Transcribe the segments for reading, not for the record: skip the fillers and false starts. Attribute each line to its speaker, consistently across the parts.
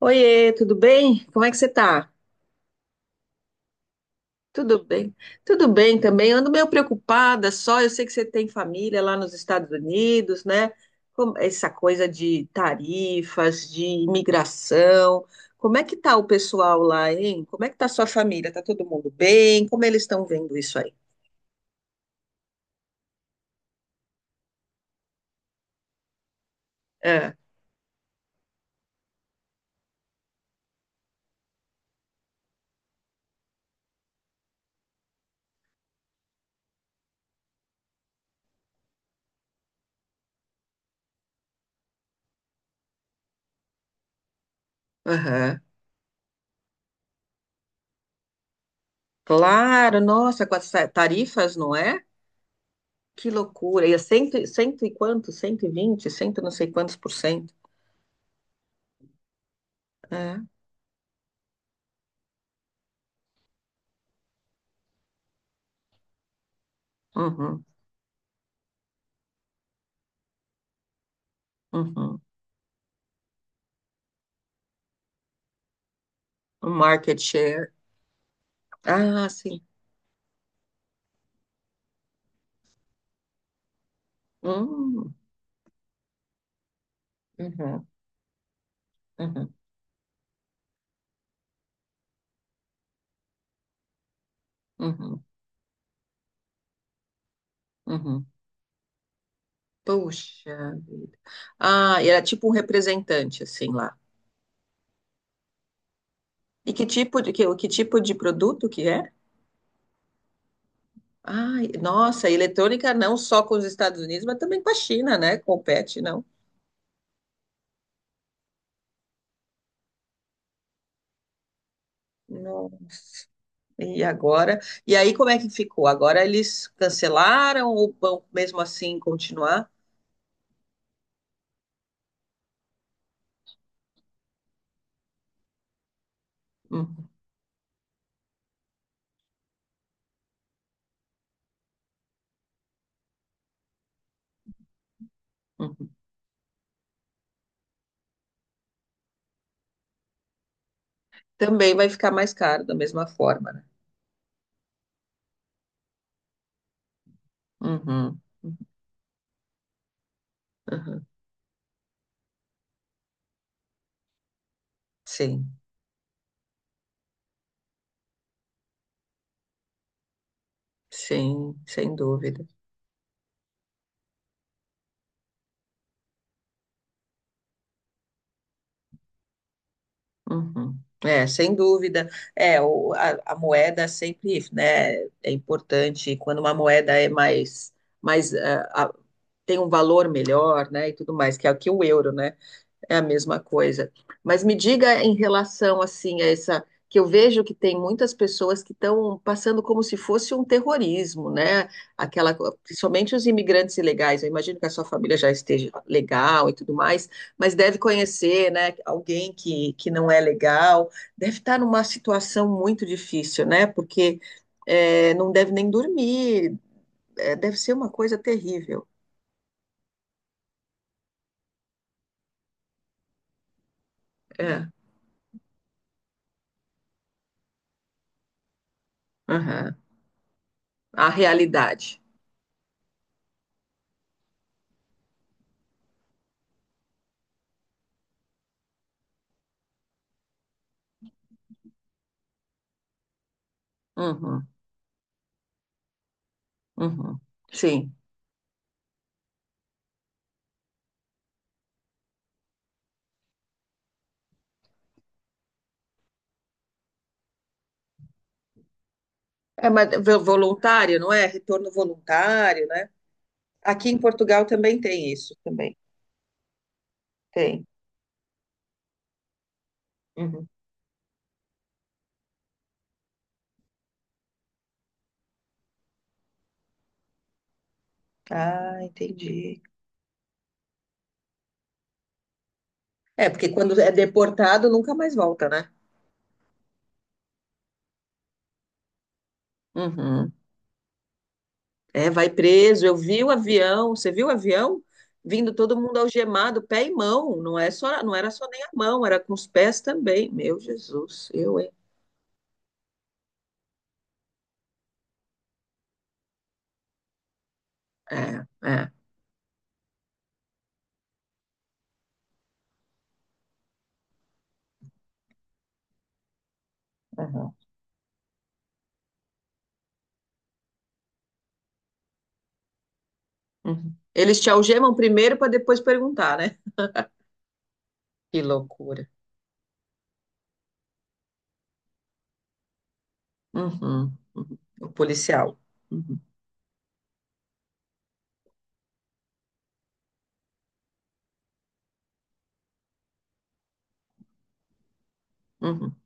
Speaker 1: Oiê, tudo bem? Como é que você tá? Tudo bem? Tudo bem também. Eu ando meio preocupada só. Eu sei que você tem família lá nos Estados Unidos, né? Essa coisa de tarifas, de imigração. Como é que tá o pessoal lá, hein? Como é que tá a sua família? Tá todo mundo bem? Como eles estão vendo isso aí? É, aham. Claro, nossa, com as tarifas, não é? Que loucura. E é cento, cento e quanto? 120, cento e não sei quantos por cento. É. Uhum, uhum. Um market share. Ah, sim. Hum, uhum, uhum, uhum, uhum. Puxa vida. Ah, e era tipo um representante, assim, lá. E que tipo de, que tipo de produto que é? Ai, nossa, eletrônica não só com os Estados Unidos, mas também com a China, né? Compete, não. Nossa, e agora? E aí, como é que ficou? Agora eles cancelaram ou vão mesmo assim continuar? Uhum, uhum. Também vai ficar mais caro da mesma forma, né? Uhum, uhum. Sim, sim, sem dúvida. Uhum. É, sem dúvida. É, o, a moeda sempre, né, é importante quando uma moeda é mais, mais, ah, ah, tem um valor melhor, né, e tudo mais, que é o que o euro, né? É a mesma coisa. Mas me diga em relação assim a essa que eu vejo que tem muitas pessoas que estão passando como se fosse um terrorismo, né? Aquela, principalmente os imigrantes ilegais. Eu imagino que a sua família já esteja legal e tudo mais, mas deve conhecer, né, alguém que, não é legal, deve estar numa situação muito difícil, né? Porque não deve nem dormir, deve ser uma coisa terrível. É, aham. A realidade. Uhum. Uhum. Sim. É, mas voluntário, não é? Retorno voluntário, né? Aqui em Portugal também tem isso, também tem. Uhum. Ah, entendi. É, porque quando é deportado, nunca mais volta, né? Uhum. É, vai preso. Eu vi o avião, você viu o avião? Vindo todo mundo algemado, pé e mão. Não é só, não era só nem a mão, era com os pés também. Meu Jesus, eu, hein? É, é. Uhum. Uhum. Eles te algemam primeiro para depois perguntar, né? Que loucura. Uhum, uhum. O policial. Uhum, uhum,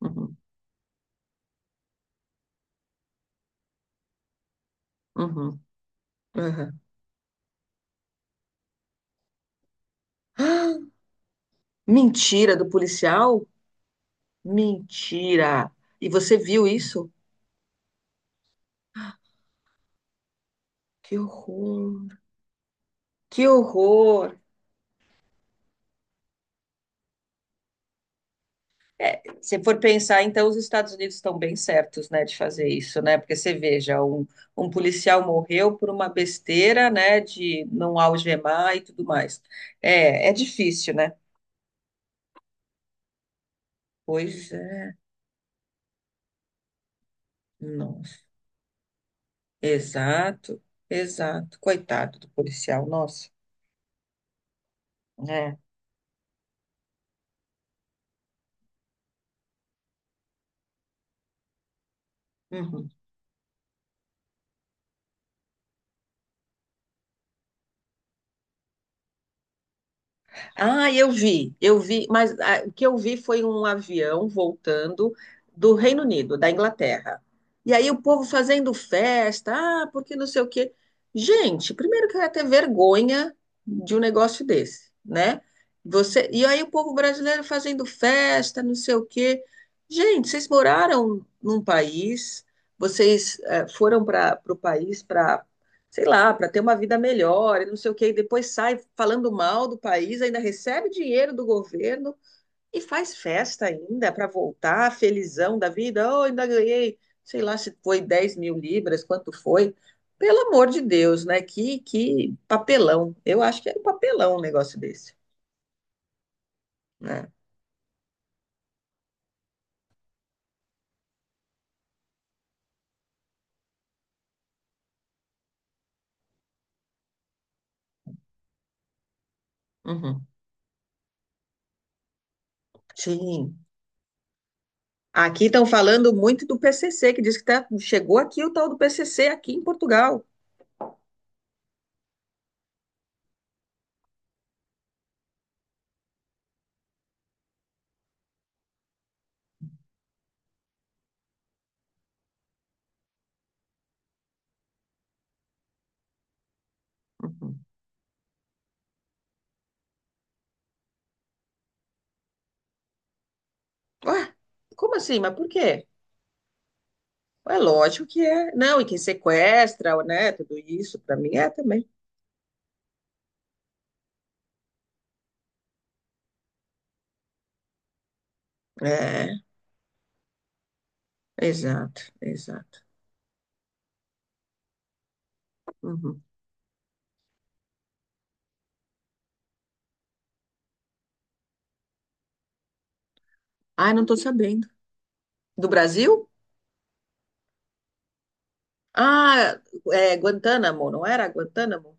Speaker 1: uhum, uhum, uhum. Ah, mentira do policial? Mentira! E você viu isso? Que horror! Que horror! É, se for pensar, então os Estados Unidos estão bem certos, né, de fazer isso, né? Porque você veja, um policial morreu por uma besteira, né, de não algemar e tudo mais. É, é difícil, né? Pois é. Nossa. Exato, exato. Coitado do policial, nossa. É. Uhum. Ah, eu vi, mas o que eu vi foi um avião voltando do Reino Unido, da Inglaterra. E aí o povo fazendo festa, porque não sei o quê. Gente, primeiro que eu ia ter vergonha de um negócio desse, né? Você, e aí o povo brasileiro fazendo festa, não sei o quê. Gente, vocês moraram num país, vocês foram para o país para sei lá, para ter uma vida melhor e não sei o quê, e depois sai falando mal do país, ainda recebe dinheiro do governo e faz festa ainda para voltar felizão da vida. Oh, ainda ganhei, sei lá se foi 10 mil libras, quanto foi. Pelo amor de Deus, né? Que papelão. Eu acho que é um papelão um negócio desse, né? Uhum. Sim. Aqui estão falando muito do PCC, que diz que tá, chegou aqui o tal do PCC aqui em Portugal. Ué, como assim? Mas por quê? É lógico que é. Não, e quem sequestra, né? Tudo isso, para mim é também. É, exato, exato. Uhum. Ai, não tô sabendo. Do Brasil? Ah, é Guantánamo, não era Guantánamo?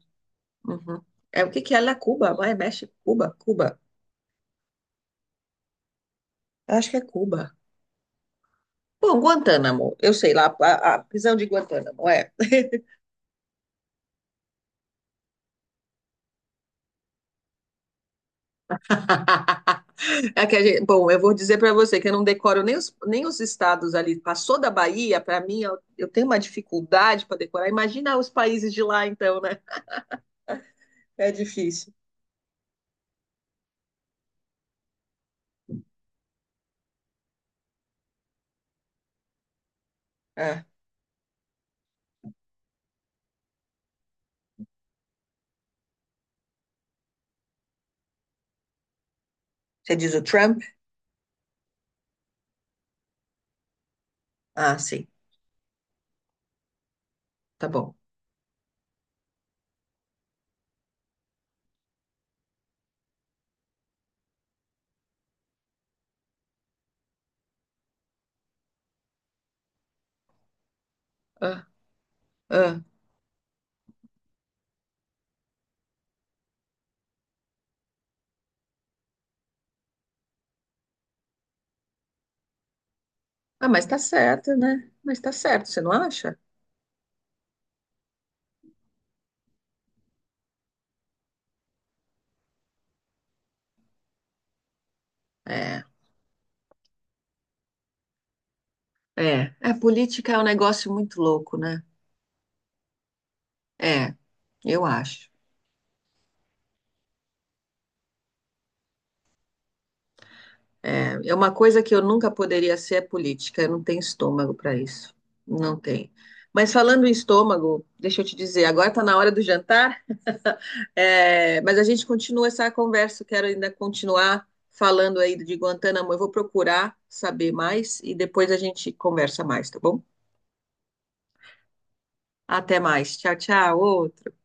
Speaker 1: Uhum. É o que que é lá Cuba? Vai, México, Cuba, Cuba. Eu acho que é Cuba. Bom, Guantánamo, eu sei lá, a prisão de Guantánamo, é. É que bom, eu vou dizer para você que eu não decoro nem os, estados ali. Passou da Bahia, para mim, eu tenho uma dificuldade para decorar. Imagina os países de lá, então, né? É difícil. Ah, você diz o Trump? Ah, sim, tá bom. Ah, ah. Ah, mas tá certo, né? Mas tá certo, você não acha? É, é. A política é um negócio muito louco, né? É, eu acho. É uma coisa que eu nunca poderia ser é política, eu não tenho estômago para isso. Não tem. Mas falando em estômago, deixa eu te dizer, agora está na hora do jantar, mas a gente continua essa conversa, eu quero ainda continuar falando aí de Guantanamo. Eu vou procurar saber mais e depois a gente conversa mais, tá bom? Até mais. Tchau, tchau. Outro.